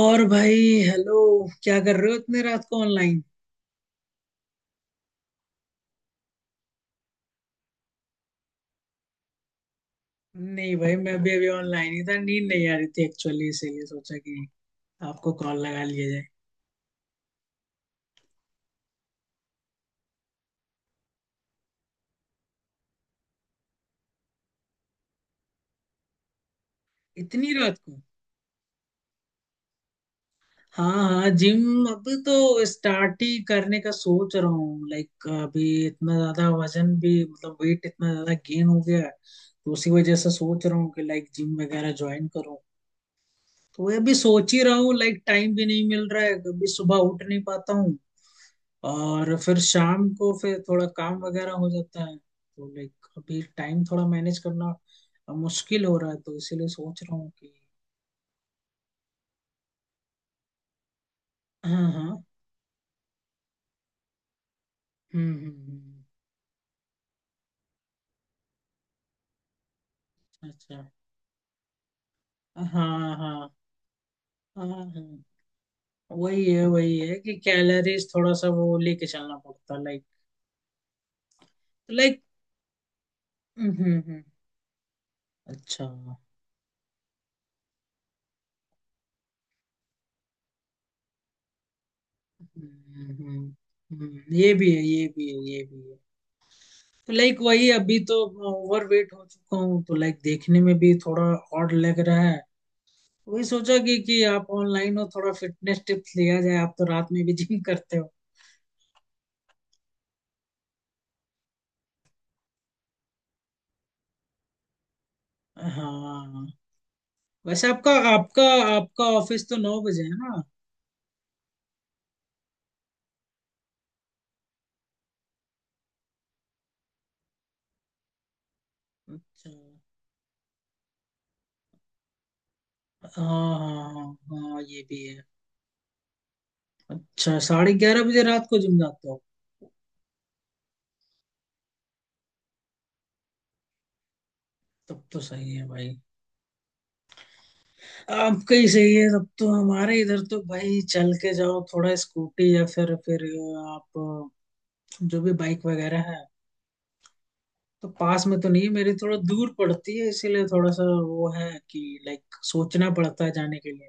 और भाई। हेलो। क्या कर रहे हो इतने रात को ऑनलाइन? नहीं भाई, मैं भी अभी ऑनलाइन ही था। नींद नहीं आ रही थी एक्चुअली, इसीलिए सोचा कि आपको कॉल लगा लिया जाए। इतनी रात को। हाँ हाँ, जिम अभी तो स्टार्ट ही करने का सोच रहा हूँ। लाइक अभी इतना ज्यादा वजन भी, मतलब वेट इतना ज्यादा गेन हो गया है, तो उसी वजह से सोच रहा हूँ कि लाइक जिम वगैरह ज्वाइन करूँ। तो वही अभी सोच ही रहा हूँ। लाइक टाइम भी नहीं मिल रहा है, कभी सुबह उठ नहीं पाता हूँ। और फिर शाम को फिर थोड़ा काम वगैरह हो जाता है, तो लाइक अभी टाइम थोड़ा मैनेज करना मुश्किल हो रहा है। तो इसीलिए सोच रहा हूँ कि। हाँ हाँ। हम्म। अच्छा। हाँ हाँ हाँ हाँ। वही है कि कैलोरीज थोड़ा सा वो लेके चलना पड़ता लाइक। लाइक। हम्म। अच्छा। हम्म हम्म हम्म। ये भी है, ये भी है, ये भी है। लाइक वही अभी तो ओवरवेट हो चुका हूँ, तो लाइक देखने में भी थोड़ा ऑड लग रहा है। वही सोचा कि आप ऑनलाइन हो, थोड़ा फिटनेस टिप्स लिया जाए। आप तो रात में भी जिम करते हो। हाँ। वैसे आपका आपका आपका ऑफिस तो 9 बजे है ना? अच्छा। हाँ हाँ हाँ हाँ, ये भी है। अच्छा, 11:30 बजे रात को जिम जाते हो? तब तो सही है भाई। आपका ही सही है तब तो। हमारे इधर तो भाई चल के जाओ थोड़ा, स्कूटी या फिर आप जो भी बाइक वगैरह है। तो पास में तो नहीं है मेरी, थोड़ा दूर पड़ती है। इसीलिए थोड़ा सा वो है कि लाइक सोचना पड़ता है जाने के लिए।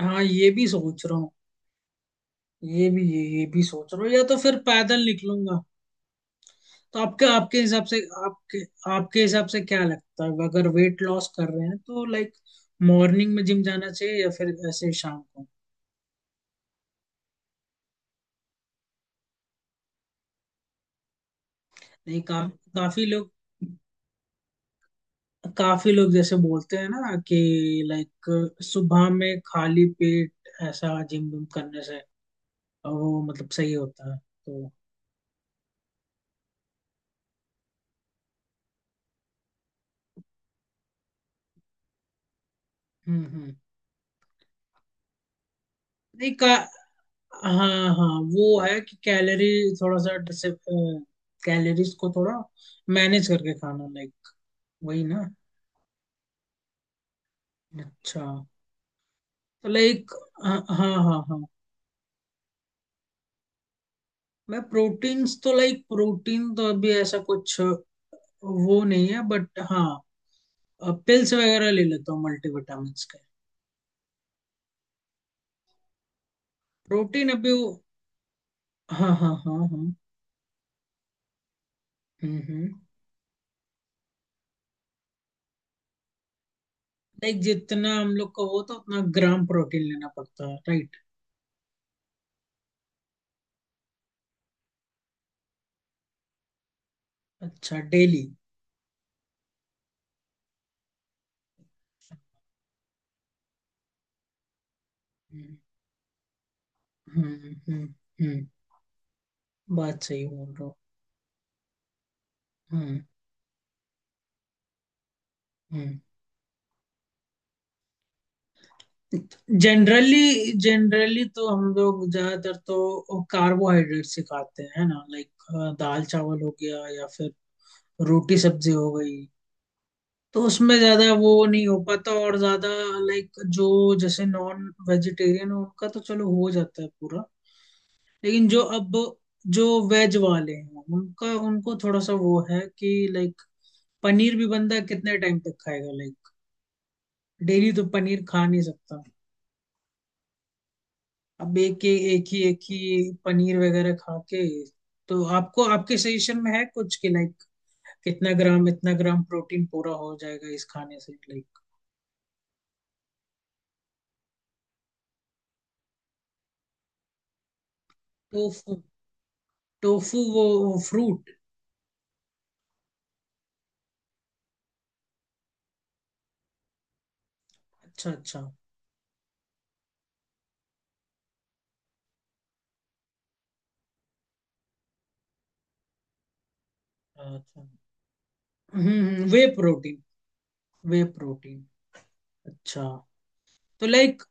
हाँ, ये भी सोच रहा हूँ। ये भी सोच रहा हूँ, या तो फिर पैदल निकलूंगा। तो आपके आपके हिसाब से। आपके आपके हिसाब से क्या लगता है, अगर वेट लॉस कर रहे हैं तो लाइक मॉर्निंग में जिम जाना चाहिए या फिर ऐसे शाम को? नहीं का, काफी लोग काफी लोग जैसे बोलते हैं ना कि लाइक सुबह में खाली पेट ऐसा जिम विम करने से, और वो मतलब सही होता है तो। हम्म। नहीं का। हाँ हाँ। वो है कि थोड़ा सा कैलोरीज को थोड़ा मैनेज करके खाना लाइक। वही ना? अच्छा। तो लाइक। हाँ हाँ हाँ हाँ। मैं प्रोटीन्स तो, लाइक प्रोटीन तो अभी ऐसा कुछ वो नहीं है, बट हाँ पिल्स वगैरह ले लेता हूँ मल्टीविटामिन्स के। प्रोटीन अभी वो। हाँ हाँ हाँ हाँ। हम्म। लाइक जितना हम लोग को हो तो उतना ग्राम प्रोटीन लेना पड़ता है, राइट? अच्छा, डेली? हम्म हम्म हम्म हम्म। बात सही बोल रहा हूँ। हम्म हम्म। जनरली जनरली तो हम लोग ज्यादातर तो कार्बोहाइड्रेट से खाते हैं है ना, लाइक दाल चावल हो गया या फिर रोटी सब्जी हो गई। तो उसमें ज्यादा वो नहीं हो पाता, और ज्यादा लाइक जो जैसे नॉन वेजिटेरियन है उनका तो चलो हो जाता है पूरा। लेकिन जो वेज वाले हैं उनका उनको थोड़ा सा वो है कि लाइक पनीर भी बंदा कितने टाइम तक खाएगा, लाइक डेली तो पनीर खा नहीं सकता। अब एक एक एक ही पनीर वगैरह खा के। तो आपको आपके सजेशन में है कुछ कि लाइक कितना ग्राम इतना ग्राम प्रोटीन पूरा हो जाएगा इस खाने से, लाइक? टोफू। टोफू वो। फ्रूट? अच्छा अच्छा। अच्छा। वे प्रोटीन। Whey protein. अच्छा। तो लाइक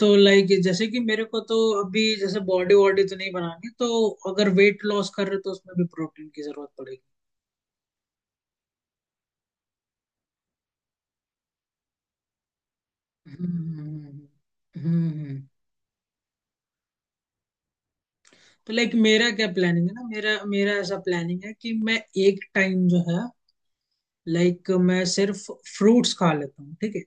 तो लाइक जैसे कि मेरे को तो अभी जैसे बॉडी वॉडी तो नहीं बनानी, तो अगर वेट लॉस कर रहे हो तो उसमें भी प्रोटीन की जरूरत पड़ेगी। हम्म हम्म। तो लाइक मेरा क्या प्लानिंग है ना, मेरा मेरा ऐसा प्लानिंग है कि मैं एक टाइम जो है, लाइक मैं सिर्फ फ्रूट्स खा लेता हूँ, ठीक है।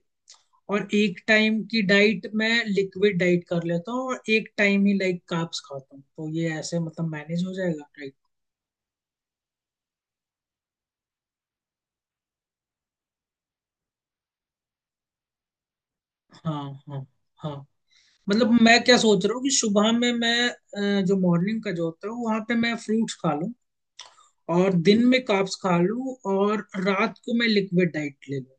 और एक टाइम की डाइट मैं लिक्विड डाइट कर लेता हूँ, और एक टाइम ही लाइक कार्ब्स खाता हूँ। तो ये ऐसे मतलब मैनेज हो जाएगा, राइट? हाँ हाँ हाँ। मतलब मैं क्या सोच रहा हूँ कि सुबह में मैं जो मॉर्निंग का जो होता है वहां पे मैं फ्रूट्स खा लूँ, और दिन में कार्ब्स खा लूँ, और रात को मैं लिक्विड डाइट ले लूँ।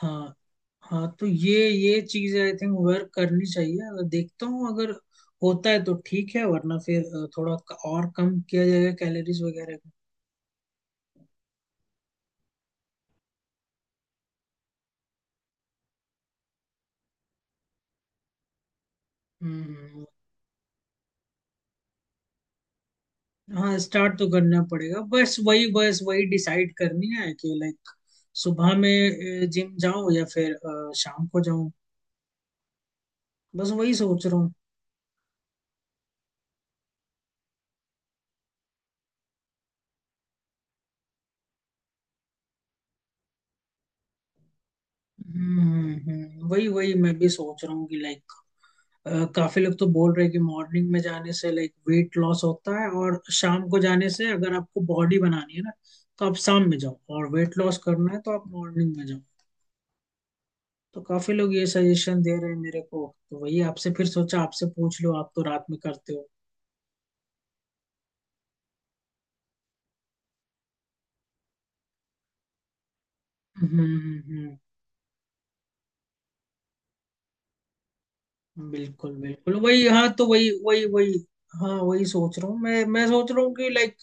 हाँ हाँ। तो ये चीज आई थिंक वर्क करनी चाहिए। अगर देखता हूँ अगर होता है तो ठीक है, वरना फिर थोड़ा और कम किया जाएगा कैलोरीज वगैरह को। हम्म। हाँ, स्टार्ट तो करना पड़ेगा। बस वही डिसाइड करनी है कि लाइक सुबह में जिम जाऊं या फिर शाम को। बस वही सोच रहा हूँ। हम्म वही वही मैं भी सोच रहा हूँ कि लाइक काफी लोग तो बोल रहे हैं कि मॉर्निंग में जाने से लाइक वेट लॉस होता है, और शाम को जाने से, अगर आपको बॉडी बनानी है ना तो आप शाम में जाओ, और वेट लॉस करना है तो आप मॉर्निंग में जाओ। तो काफी लोग ये सजेशन दे रहे हैं मेरे को, तो वही आपसे फिर सोचा आपसे पूछ लो, आप तो रात में करते हो। हम्म हम्म, हम्म। बिल्कुल बिल्कुल, वही हाँ, तो वही वही वही। हाँ, वही सोच रहा हूँ मैं सोच रहा हूँ कि लाइक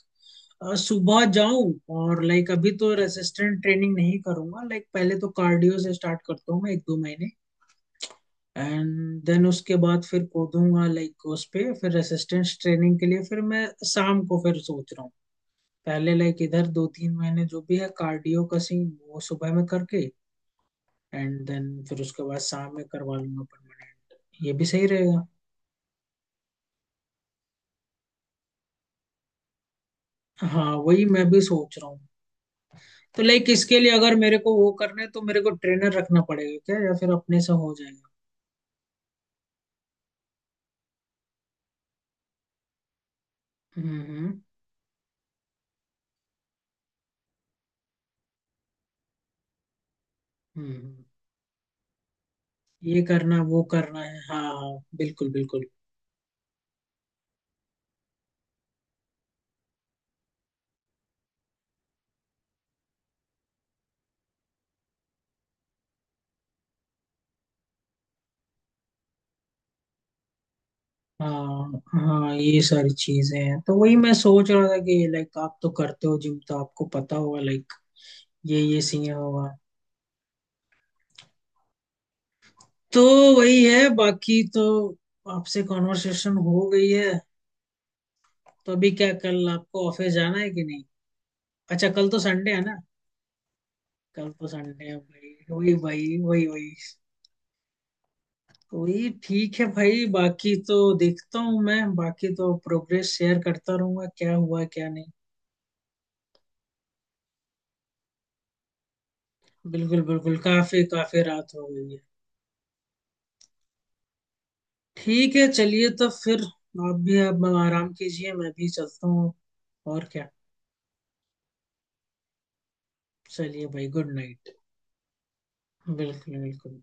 सुबह जाऊं, और लाइक अभी तो रेसिस्टेंट ट्रेनिंग नहीं करूंगा, लाइक पहले तो कार्डियो से स्टार्ट करता हूँ मैं एक दो महीने। एंड देन उसके बाद फिर कूदूंगा लाइक उस पे, फिर रेसिस्टेंस ट्रेनिंग के लिए फिर मैं शाम को फिर सोच रहा हूँ। पहले लाइक इधर दो तीन महीने जो भी है कार्डियो का सीन वो सुबह में करके, एंड देन फिर उसके बाद शाम में करवा लूंगा परमानेंट। ये भी सही रहेगा। हाँ, वही मैं भी सोच रहा हूँ। तो लाइक इसके लिए अगर मेरे को वो करना है, तो मेरे को ट्रेनर रखना पड़ेगा क्या, या फिर अपने से हो जाएगा? हम्म हम्म हम्म। ये करना वो करना है, हाँ हाँ, बिल्कुल बिल्कुल। हाँ हाँ, ये सारी चीजें हैं। तो वही मैं सोच रहा था कि लाइक आप तो करते हो जिम, तो आपको पता होगा लाइक ये सीन होगा। तो वही है बाकी तो, आपसे कॉन्वर्सेशन हो गई है। तो अभी क्या कल आपको ऑफिस जाना है कि नहीं? अच्छा, कल तो संडे है ना? कल तो संडे है भाई, वही भाई वही वही। वही ठीक है भाई। बाकी तो देखता हूँ मैं, बाकी तो प्रोग्रेस शेयर करता रहूंगा क्या हुआ क्या नहीं। बिल्कुल बिल्कुल, काफी काफी रात हो गई है। ठीक है, चलिए तो फिर आप भी अब आराम कीजिए, मैं भी चलता हूँ। और क्या। चलिए भाई, गुड नाइट। बिल्कुल बिल्कुल।